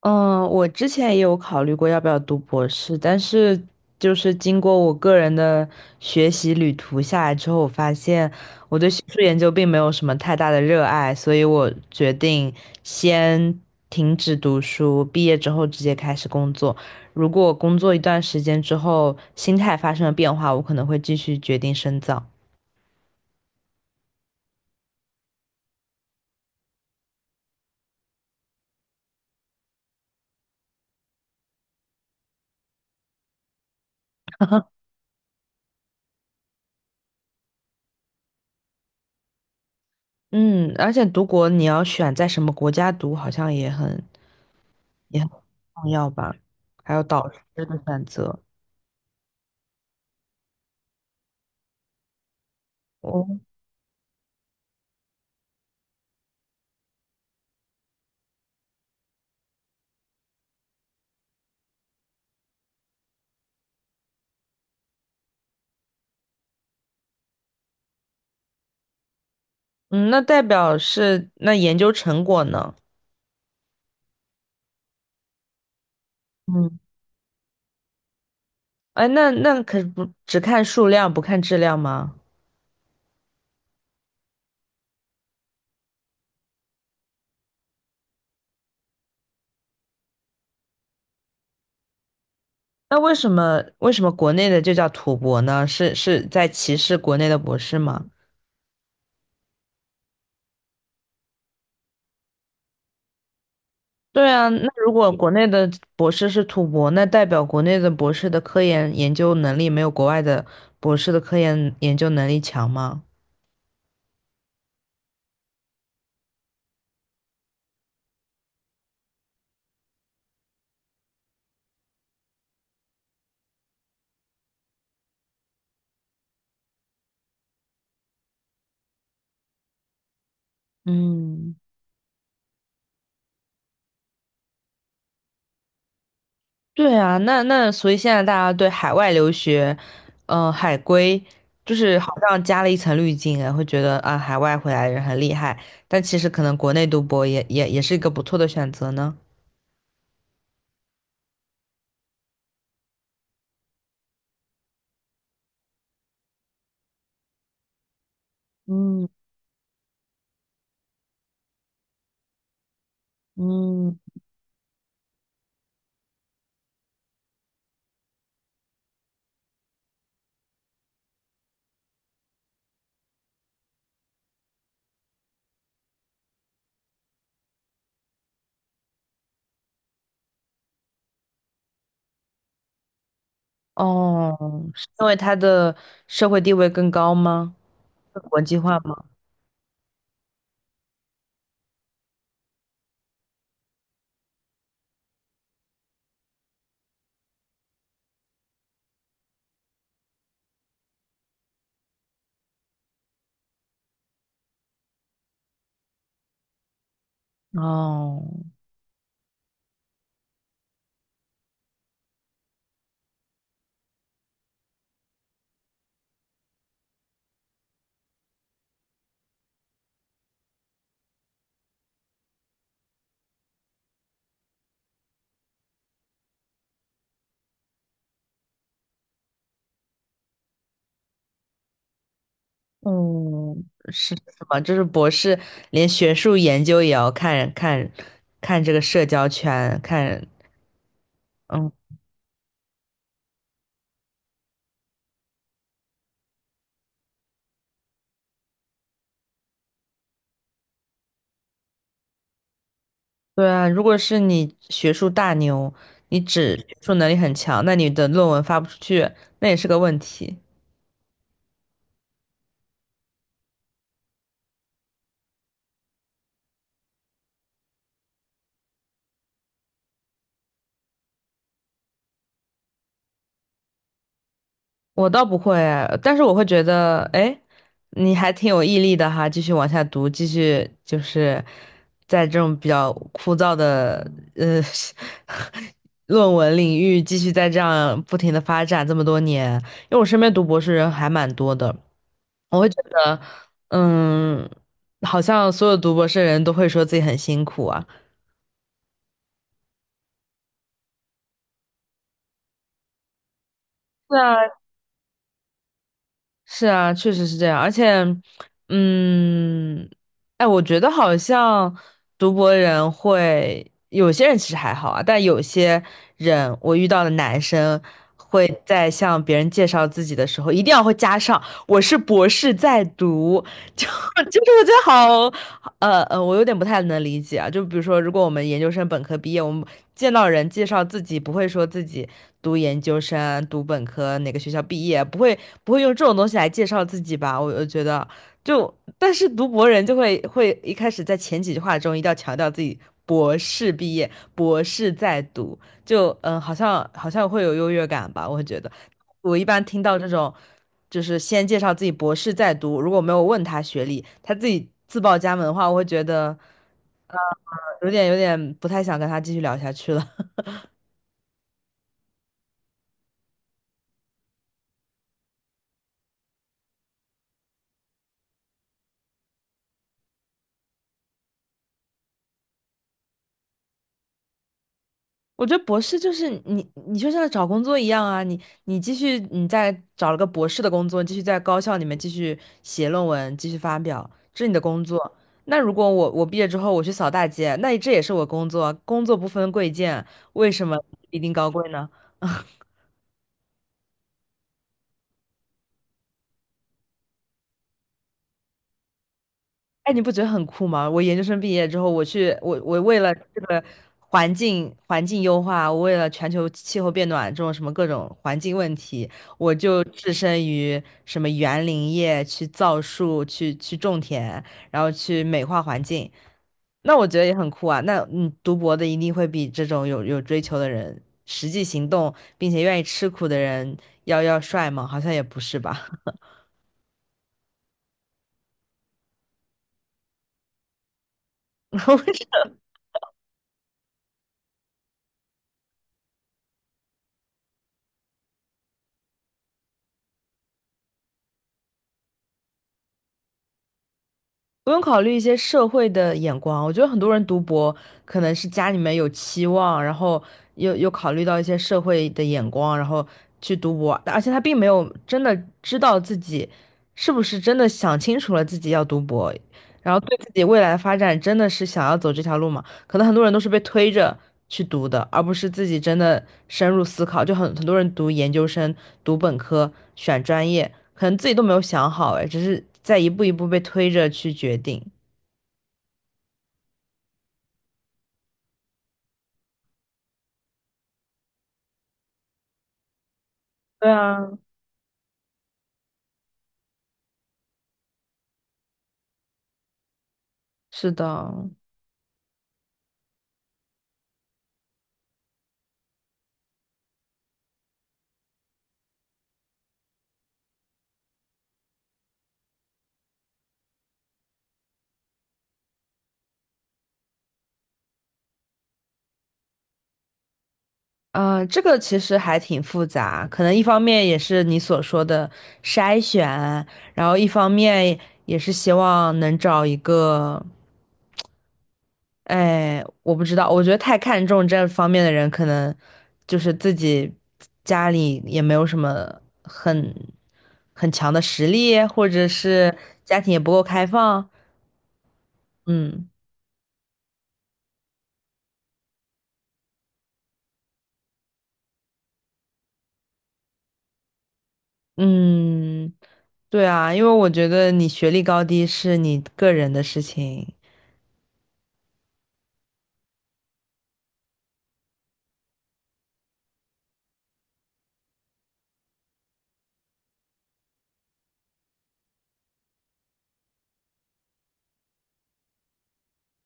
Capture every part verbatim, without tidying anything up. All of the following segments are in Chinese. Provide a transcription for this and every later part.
嗯，我之前也有考虑过要不要读博士，但是就是经过我个人的学习旅途下来之后，我发现我对学术研究并没有什么太大的热爱，所以我决定先停止读书，毕业之后直接开始工作。如果工作一段时间之后，心态发生了变化，我可能会继续决定深造。嗯，而且读博你要选在什么国家读，好像也很也很重要吧，还有导师的选择。哦，嗯，那代表是那研究成果呢？嗯，哎，那那可不只看数量不看质量吗？那为什么为什么国内的就叫土博呢？是是在歧视国内的博士吗？对啊，那如果国内的博士是土博，那代表国内的博士的科研研究能力没有国外的博士的科研研究能力强吗？嗯。对啊，那那所以现在大家对海外留学，嗯，海归就是好像加了一层滤镜哎，会觉得啊，海外回来的人很厉害，但其实可能国内读博也也也是一个不错的选择呢。嗯嗯，哦，是因为他的社会地位更高吗？更国际化吗？哦，嗯，是什么？就是博士连学术研究也要看看看这个社交圈，看。嗯。对啊，如果是你学术大牛，你只学术能力很强，那你的论文发不出去，那也是个问题。我倒不会，但是我会觉得，哎，你还挺有毅力的哈，继续往下读，继续就是在这种比较枯燥的呃 论文领域继续在这样不停的发展这么多年，因为我身边读博士人还蛮多的，我会觉得，嗯，好像所有读博士的人都会说自己很辛苦啊。是啊，是啊，确实是这样。而且，嗯，哎，我觉得好像读博人会，有些人其实还好啊，但有些人我遇到的男生会在向别人介绍自己的时候，一定要会加上"我是博士在读"，就 就是我觉得好，呃呃，我有点不太能理解啊。就比如说，如果我们研究生本科毕业，我们见到人介绍自己，不会说自己读研究生、读本科哪个学校毕业，不会不会用这种东西来介绍自己吧？我我觉得就，但是读博人就会会一开始在前几句话中一定要强调自己博士毕业、博士在读，就嗯、呃好像好像会有优越感吧？我觉得。我一般听到这种，就是先介绍自己博士在读，如果没有问他学历，他自己自报家门的话，我会觉得呃，有点有点不太想跟他继续聊下去了。我觉得博士就是你，你就像找工作一样啊，你你继续你再找了个博士的工作，继续在高校里面继续写论文，继续发表，这是你的工作。那如果我我毕业之后我去扫大街，那这也是我工作，工作不分贵贱，为什么一定高贵呢？哎，你不觉得很酷吗？我研究生毕业之后，我去，我我为了这个环境环境优化，我为了全球气候变暖这种什么各种环境问题，我就置身于什么园林业，去造树，去去种田，然后去美化环境。那我觉得也很酷啊。那你读博的一定会比这种有有追求的人，实际行动并且愿意吃苦的人要要帅吗？好像也不是吧。不用考虑一些社会的眼光，我觉得很多人读博可能是家里面有期望，然后又又考虑到一些社会的眼光，然后去读博，而且他并没有真的知道自己是不是真的想清楚了自己要读博，然后对自己未来的发展真的是想要走这条路吗？可能很多人都是被推着去读的，而不是自己真的深入思考。就很很多人读研究生、读本科、选专业，可能自己都没有想好，哎，只是在一步一步被推着去决定。对啊，是的，呃，这个其实还挺复杂，可能一方面也是你所说的筛选，然后一方面也是希望能找一个。哎，我不知道，我觉得太看重这方面的人，可能就是自己家里也没有什么很很强的实力，或者是家庭也不够开放。嗯嗯，对啊，因为我觉得你学历高低是你个人的事情。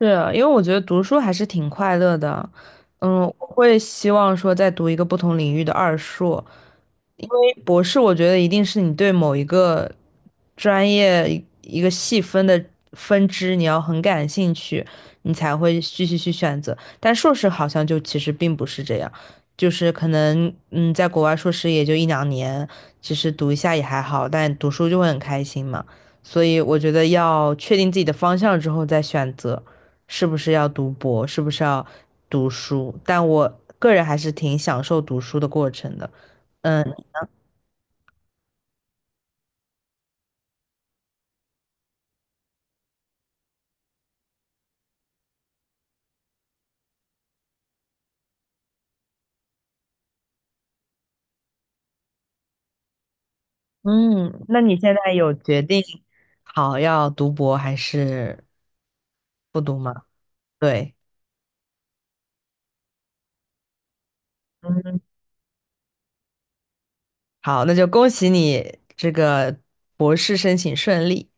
是啊，因为我觉得读书还是挺快乐的。嗯，我会希望说在读一个不同领域的二硕，博士，我觉得一定是你对某一个专业一一个细分的分支，你要很感兴趣，你才会继续去选择。但硕士好像就其实并不是这样，就是可能嗯，在国外硕士也就一两年，其实读一下也还好，但读书就会很开心嘛。所以我觉得要确定自己的方向之后再选择，是不是要读博，是不是要读书。但我个人还是挺享受读书的过程的。嗯，嗯，那你现在有决定好要读博还是不读吗？对，嗯，好，那就恭喜你这个博士申请顺利。